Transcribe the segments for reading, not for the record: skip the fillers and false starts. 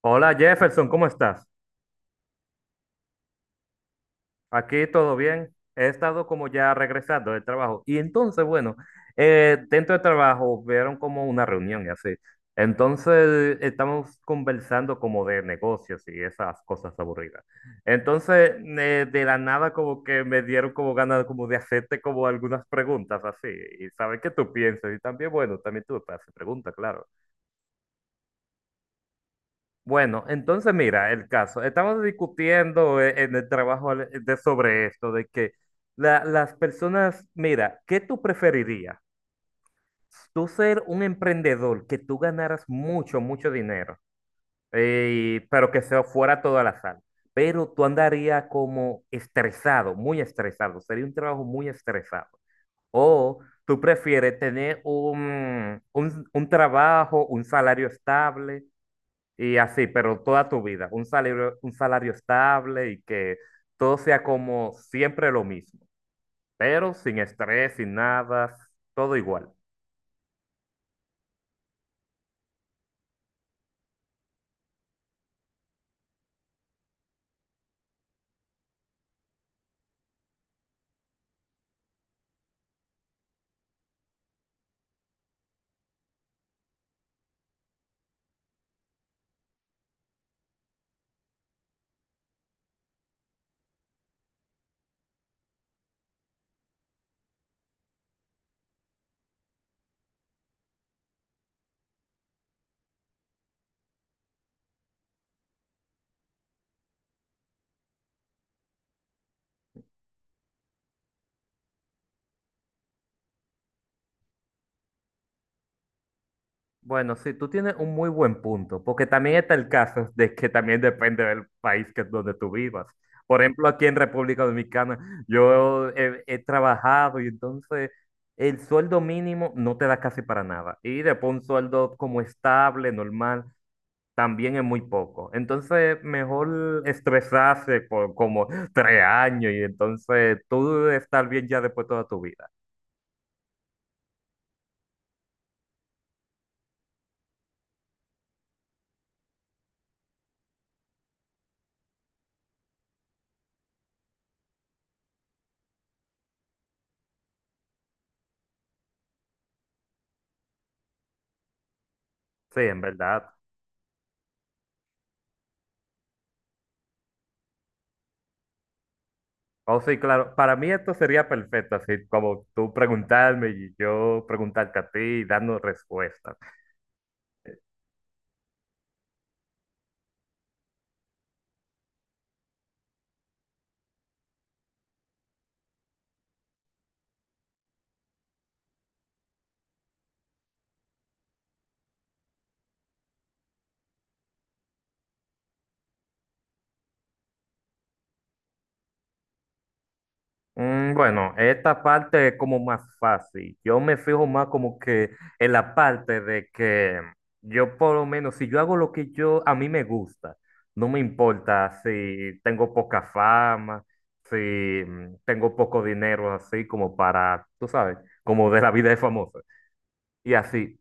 Hola Jefferson, ¿cómo estás? Aquí todo bien. He estado como ya regresando del trabajo. Y entonces, bueno, dentro del trabajo vieron como una reunión y así. Entonces estamos conversando como de negocios y esas cosas aburridas. Entonces, de la nada como que me dieron como ganas como de hacerte como algunas preguntas así y saber qué tú piensas. Y también, bueno, también tú te haces preguntas, claro. Bueno, entonces mira, el caso. Estamos discutiendo en el trabajo de, sobre esto, de que las personas, mira, ¿qué tú preferirías? Tú ser un emprendedor, que tú ganaras mucho, mucho dinero, pero que se fuera todo la sal, pero tú andarías como estresado, muy estresado, sería un trabajo muy estresado. O tú prefieres tener un trabajo, un salario estable y así, pero toda tu vida, un salario estable y que todo sea como siempre lo mismo, pero sin estrés, sin nada, todo igual. Bueno, sí, tú tienes un muy buen punto, porque también está el caso de que también depende del país que, donde tú vivas. Por ejemplo, aquí en República Dominicana, yo he, he trabajado y entonces el sueldo mínimo no te da casi para nada. Y después un sueldo como estable, normal, también es muy poco. Entonces, mejor estresarse por como tres años y entonces tú estar bien ya después toda tu vida. Sí, en verdad. Oh, sí, claro. Para mí esto sería perfecto, así como tú preguntarme y yo preguntarte a ti y darnos respuestas. Bueno, esta parte es como más fácil. Yo me fijo más como que en la parte de que yo por lo menos, si yo hago lo que yo a mí me gusta, no me importa si tengo poca fama, si tengo poco dinero, así como para, tú sabes, como de la vida de famoso. Y así,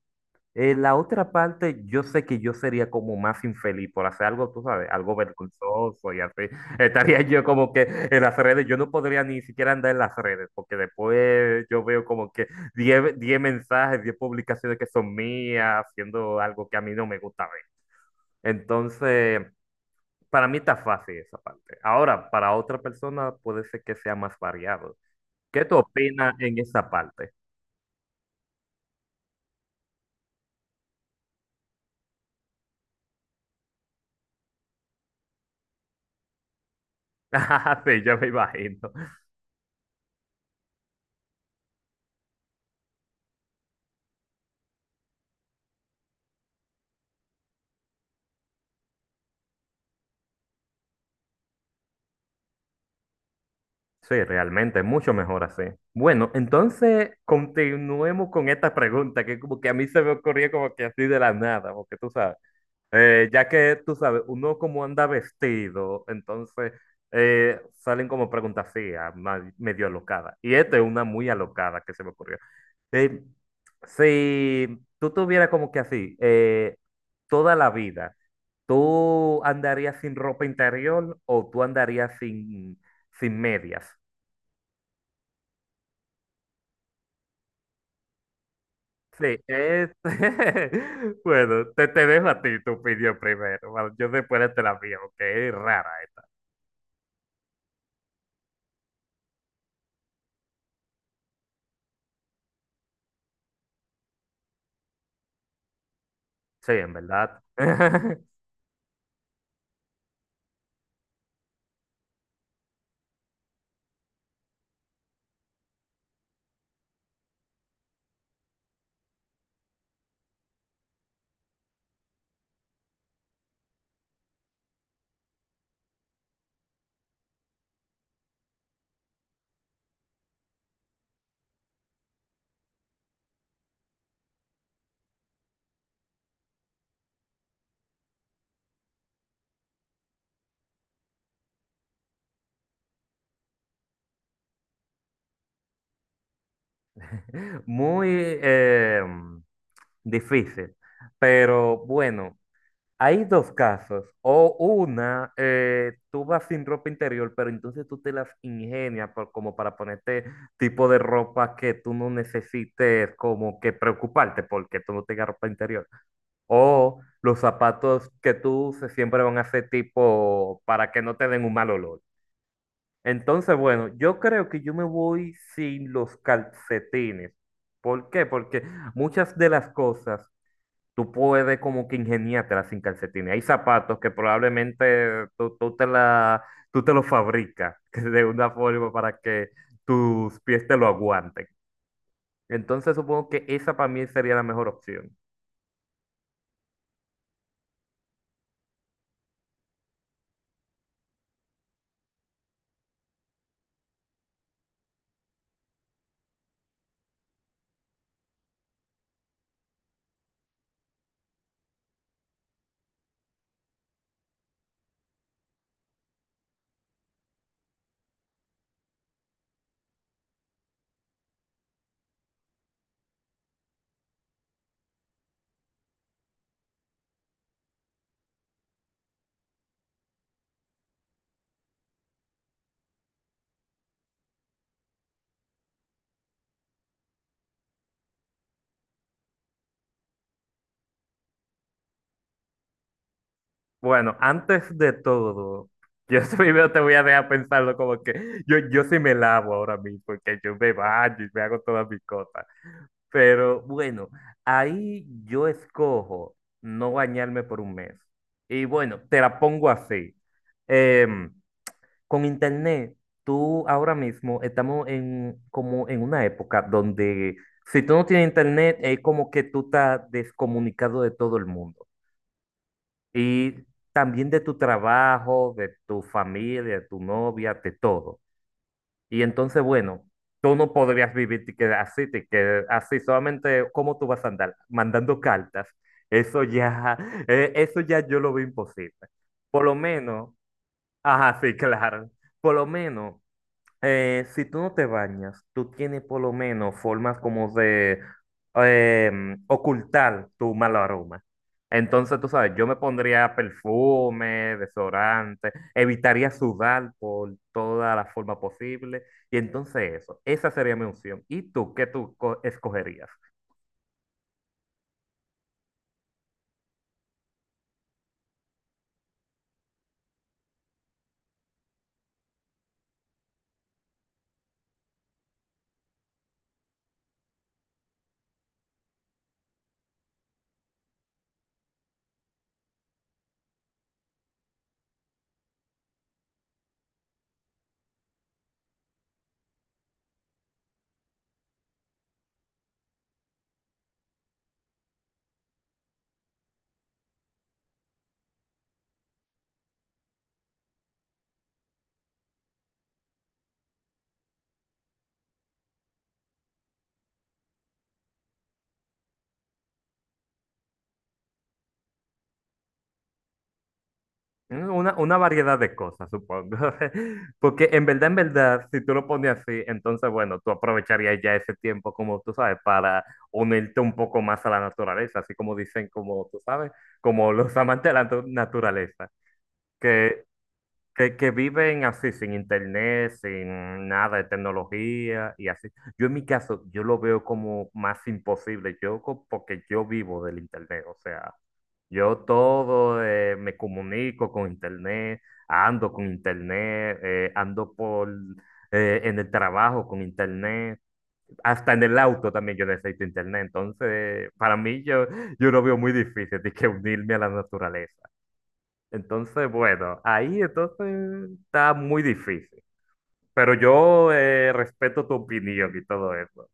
la otra parte, yo sé que yo sería como más infeliz por hacer algo, tú sabes, algo vergonzoso y así. Estaría yo como que en las redes, yo no podría ni siquiera andar en las redes, porque después yo veo como que diez mensajes, 10 publicaciones que son mías, haciendo algo que a mí no me gusta ver. Entonces, para mí está fácil esa parte. Ahora, para otra persona puede ser que sea más variado. ¿Qué tú opinas en esa parte? Sí, yo me imagino. Sí, realmente, mucho mejor así. Bueno, entonces continuemos con esta pregunta que como que a mí se me ocurrió como que así de la nada, porque tú sabes, ya que tú sabes, uno como anda vestido, entonces salen como preguntas así, medio alocadas. Y esta es una muy alocada que se me ocurrió. Eh, si tú tuvieras como que así, toda la vida, ¿tú andarías sin ropa interior o tú andarías sin, sin medias? Sí, es bueno, te dejo a ti tu opinión primero. Bueno, yo después te la mía, que es rara. Sí, en verdad. Muy eh, mm, difícil. Pero bueno, hay dos casos. O una, tú vas sin ropa interior, pero entonces tú te las ingenias como para ponerte tipo de ropa que tú no necesites como que preocuparte porque tú no tengas ropa interior. O los zapatos que tú uses siempre van a ser tipo para que no te den un mal olor. Entonces, bueno, yo creo que yo me voy sin los calcetines. ¿Por qué? Porque muchas de las cosas tú puedes como que ingeniártelas sin calcetines. Hay zapatos que probablemente tú, tú te la, tú te los fabricas de una forma para que tus pies te lo aguanten. Entonces supongo que esa para mí sería la mejor opción. Bueno, antes de todo, yo primero te voy a dejar pensarlo como que yo sí me lavo ahora mismo, porque yo me baño y me hago todas mis cosas. Pero bueno, ahí yo escojo no bañarme por un mes. Y bueno, te la pongo así. Em, con internet, tú ahora mismo estamos en, como en una época donde si tú no tienes internet, es como que tú estás descomunicado de todo el mundo y también de tu trabajo, de tu familia, de tu novia, de todo. Y entonces, bueno, tú no podrías vivir te quedas así, solamente cómo tú vas a andar mandando cartas. Eso ya, eso ya yo lo veo imposible. Por lo menos, ajá, sí, claro. Por lo menos si tú no te bañas, tú tienes por lo menos formas como de ocultar tu mal aroma. Entonces, tú sabes, yo me pondría perfume, desodorante, evitaría sudar por toda la forma posible. Y entonces eso, esa sería mi opción. ¿Y tú qué tú escogerías? Una variedad de cosas, supongo. Porque en verdad, si tú lo pones así, entonces, bueno, tú aprovecharías ya ese tiempo, como tú sabes, para unirte un poco más a la naturaleza, así como dicen, como tú sabes, como los amantes de la naturaleza, que que viven así, sin internet, sin nada de tecnología y así. Yo en mi caso, yo lo veo como más imposible, yo porque yo vivo del internet, o sea, yo todo me comunico con internet, ando por en el trabajo con internet, hasta en el auto también yo necesito internet, entonces para mí yo, yo lo veo muy difícil de que unirme a la naturaleza. Entonces, bueno, ahí entonces está muy difícil. Pero yo respeto tu opinión y todo eso.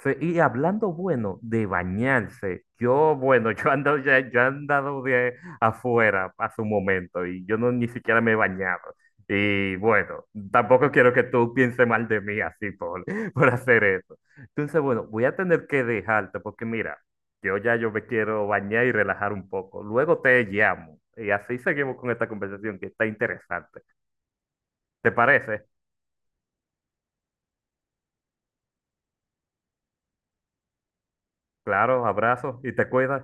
Sí, y hablando, bueno, de bañarse, yo, bueno, yo ando, ya, yo he andado de afuera hace un momento y yo no ni siquiera me he bañado. Y bueno, tampoco quiero que tú pienses mal de mí así por, por hacer eso. Entonces, bueno, voy a tener que dejarte porque mira, yo ya yo me quiero bañar y relajar un poco. Luego te llamo y así seguimos con esta conversación que está interesante. ¿Te parece? Claro, abrazos y te cuidas.